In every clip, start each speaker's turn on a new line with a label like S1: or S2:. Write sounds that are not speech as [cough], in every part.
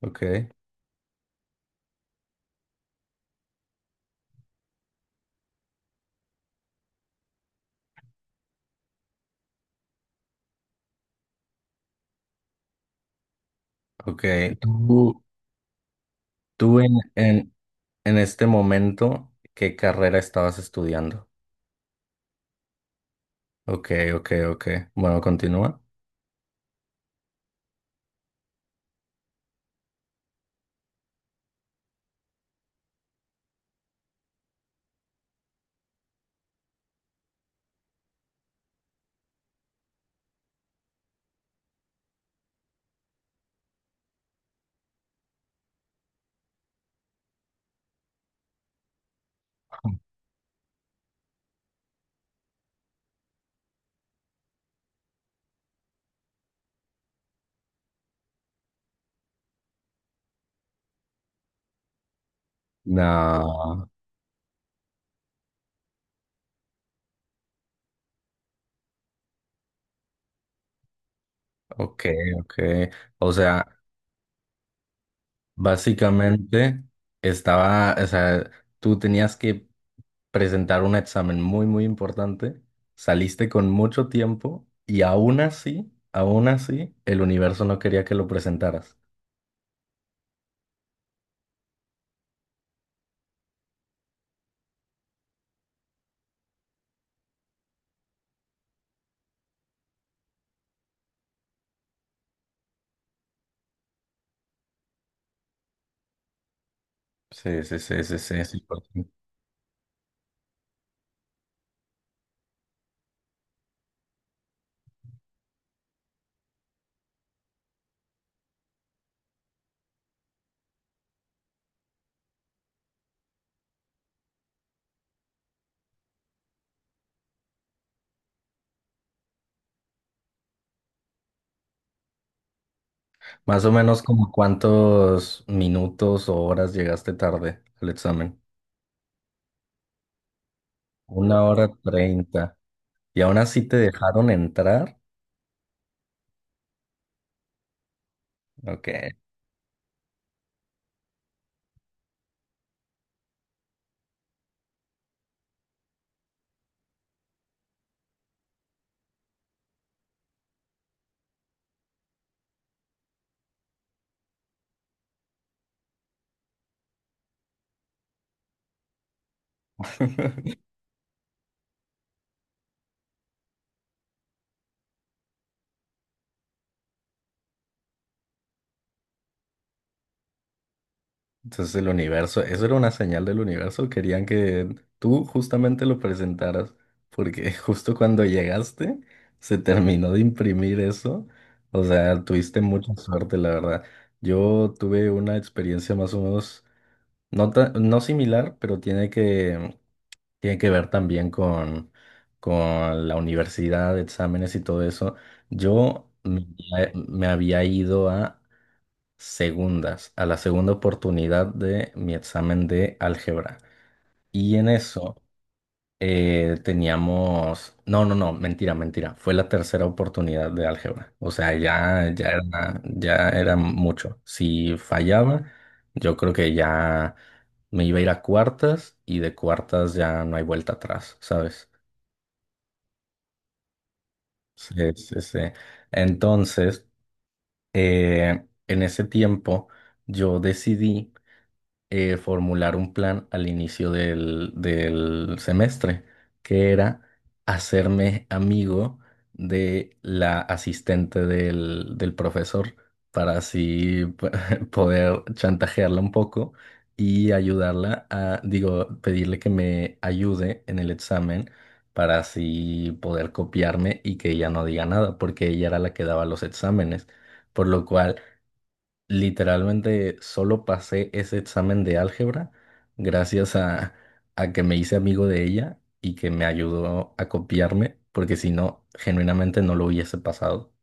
S1: Ok, ok. Tú, tú en este momento, ¿qué carrera estabas estudiando? Ok, ok, ok. Bueno, continúa. No, ok, ok. O sea, básicamente o sea, tú tenías que presentar un examen muy, muy importante, saliste con mucho tiempo y aún así, el universo no quería que lo presentaras. Sí, sí, sí, sí, sí, sí. Más o menos, ¿como cuántos minutos o horas llegaste tarde al examen? Una hora treinta. Y aún así te dejaron entrar. Ok. Entonces el universo, eso era una señal del universo. Querían que tú justamente lo presentaras. Porque [laughs] justo cuando llegaste, se terminó de imprimir eso. O sea, tuviste mucha suerte, la verdad. Yo tuve una experiencia más o menos, no, no similar, pero tiene que ver también con la universidad, exámenes y todo eso. Yo me había ido a segundas, a la segunda oportunidad de mi examen de álgebra. Y en eso teníamos. No, no, no, mentira, mentira. Fue la tercera oportunidad de álgebra. O sea, ya era mucho. Si fallaba, yo creo que ya me iba a ir a cuartas, y de cuartas ya no hay vuelta atrás, ¿sabes? Sí, sí, sí. Entonces, en ese tiempo yo decidí formular un plan al inicio del semestre, que era hacerme amigo de la asistente del profesor, para así [laughs] poder chantajearla un poco y ayudarla a, digo, pedirle que me ayude en el examen para así poder copiarme, y que ella no diga nada, porque ella era la que daba los exámenes, por lo cual... Literalmente, solo pasé ese examen de álgebra gracias a, que me hice amigo de ella y que me ayudó a copiarme, porque si no, genuinamente no lo hubiese pasado.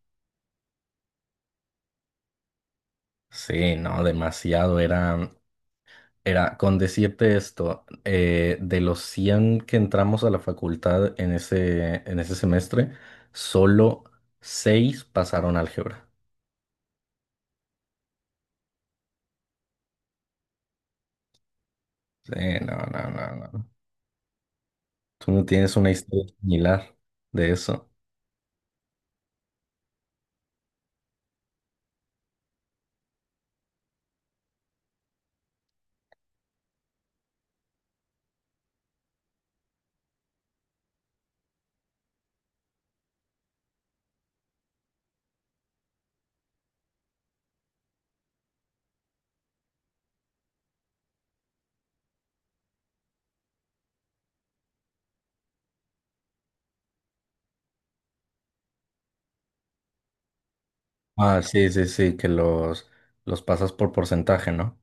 S1: Sí, no, demasiado. Era con decirte esto, de los 100 que entramos a la facultad en ese semestre, solo 6 pasaron álgebra. Sí, no, no, no, no. ¿Tú no tienes una historia similar de eso? Ah, sí, sí, sí, que los pasas por porcentaje, ¿no?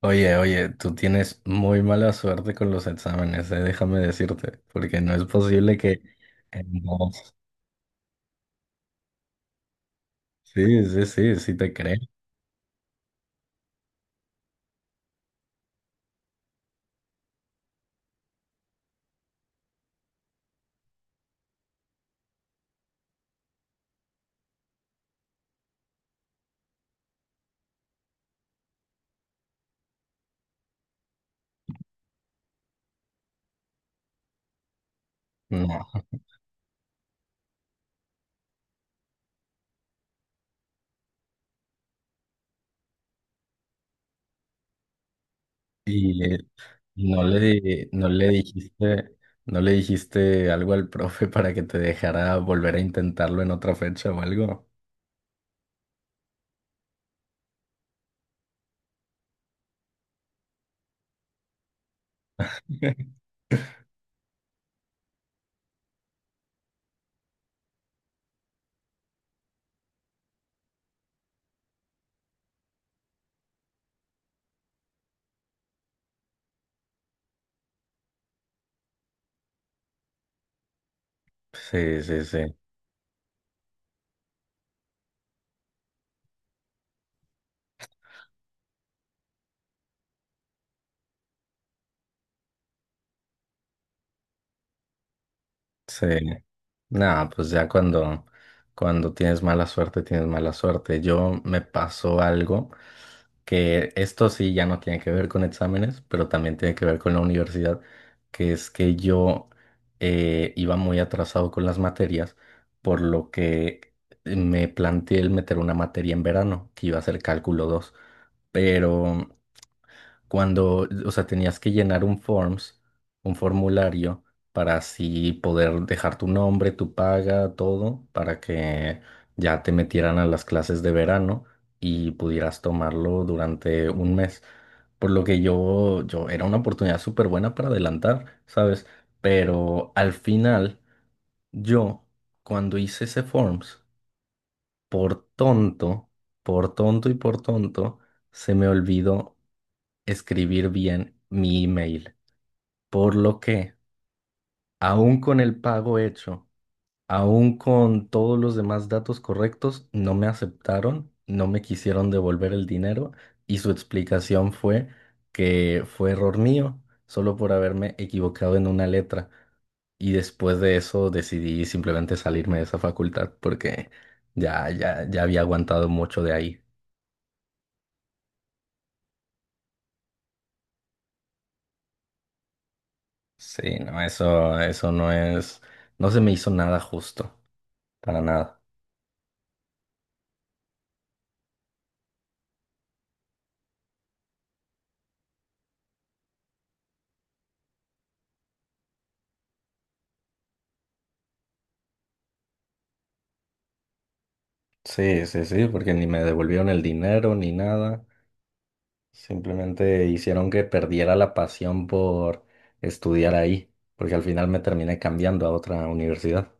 S1: Oye, oye, tú tienes muy mala suerte con los exámenes, déjame decirte, porque no es posible que en dos- Sí, sí, sí, sí te creo. No. Y no le, di- no le dijiste, no le dijiste algo al profe para que te dejara volver a intentarlo en otra fecha o algo. [laughs] Sí, sí, sí. Sí. Nada, pues ya cuando tienes mala suerte, tienes mala suerte. Yo, me pasó algo que esto sí ya no tiene que ver con exámenes, pero también tiene que ver con la universidad, que es que yo, iba muy atrasado con las materias, por lo que me planteé el meter una materia en verano, que iba a ser cálculo 2, pero o sea, tenías que llenar un forms, un formulario, para así poder dejar tu nombre, tu paga, todo, para que ya te metieran a las clases de verano y pudieras tomarlo durante un mes. Por lo que yo era una oportunidad súper buena para adelantar, ¿sabes? Pero al final, yo, cuando hice ese forms, por tonto, por tonto y por tonto, se me olvidó escribir bien mi email. Por lo que, aún con el pago hecho, aún con todos los demás datos correctos, no me aceptaron, no me quisieron devolver el dinero, y su explicación fue que fue error mío, solo por haberme equivocado en una letra. Y después de eso decidí simplemente salirme de esa facultad, porque ya había aguantado mucho de ahí. Sí, no, eso no se me hizo nada justo. Para nada. Sí, sí, sí, porque ni me devolvieron el dinero ni nada. Simplemente hicieron que perdiera la pasión por estudiar ahí, porque al final me terminé cambiando a otra universidad.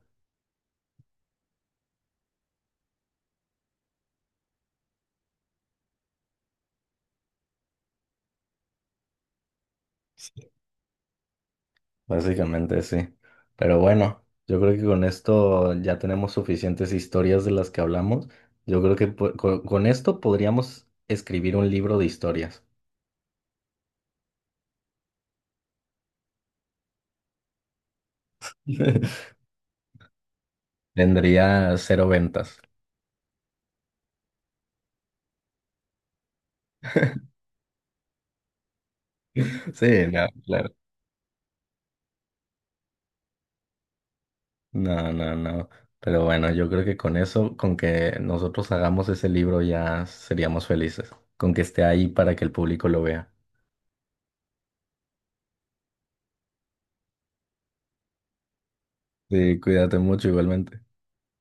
S1: Sí. Básicamente sí. Pero bueno, yo creo que con esto ya tenemos suficientes historias de las que hablamos. Yo creo que esto podríamos escribir un libro de historias. [laughs] Tendría cero ventas. Sí, no, claro. No, no, no. Pero bueno, yo creo que con eso, con que nosotros hagamos ese libro ya seríamos felices. Con que esté ahí para que el público lo vea. Sí, cuídate mucho igualmente.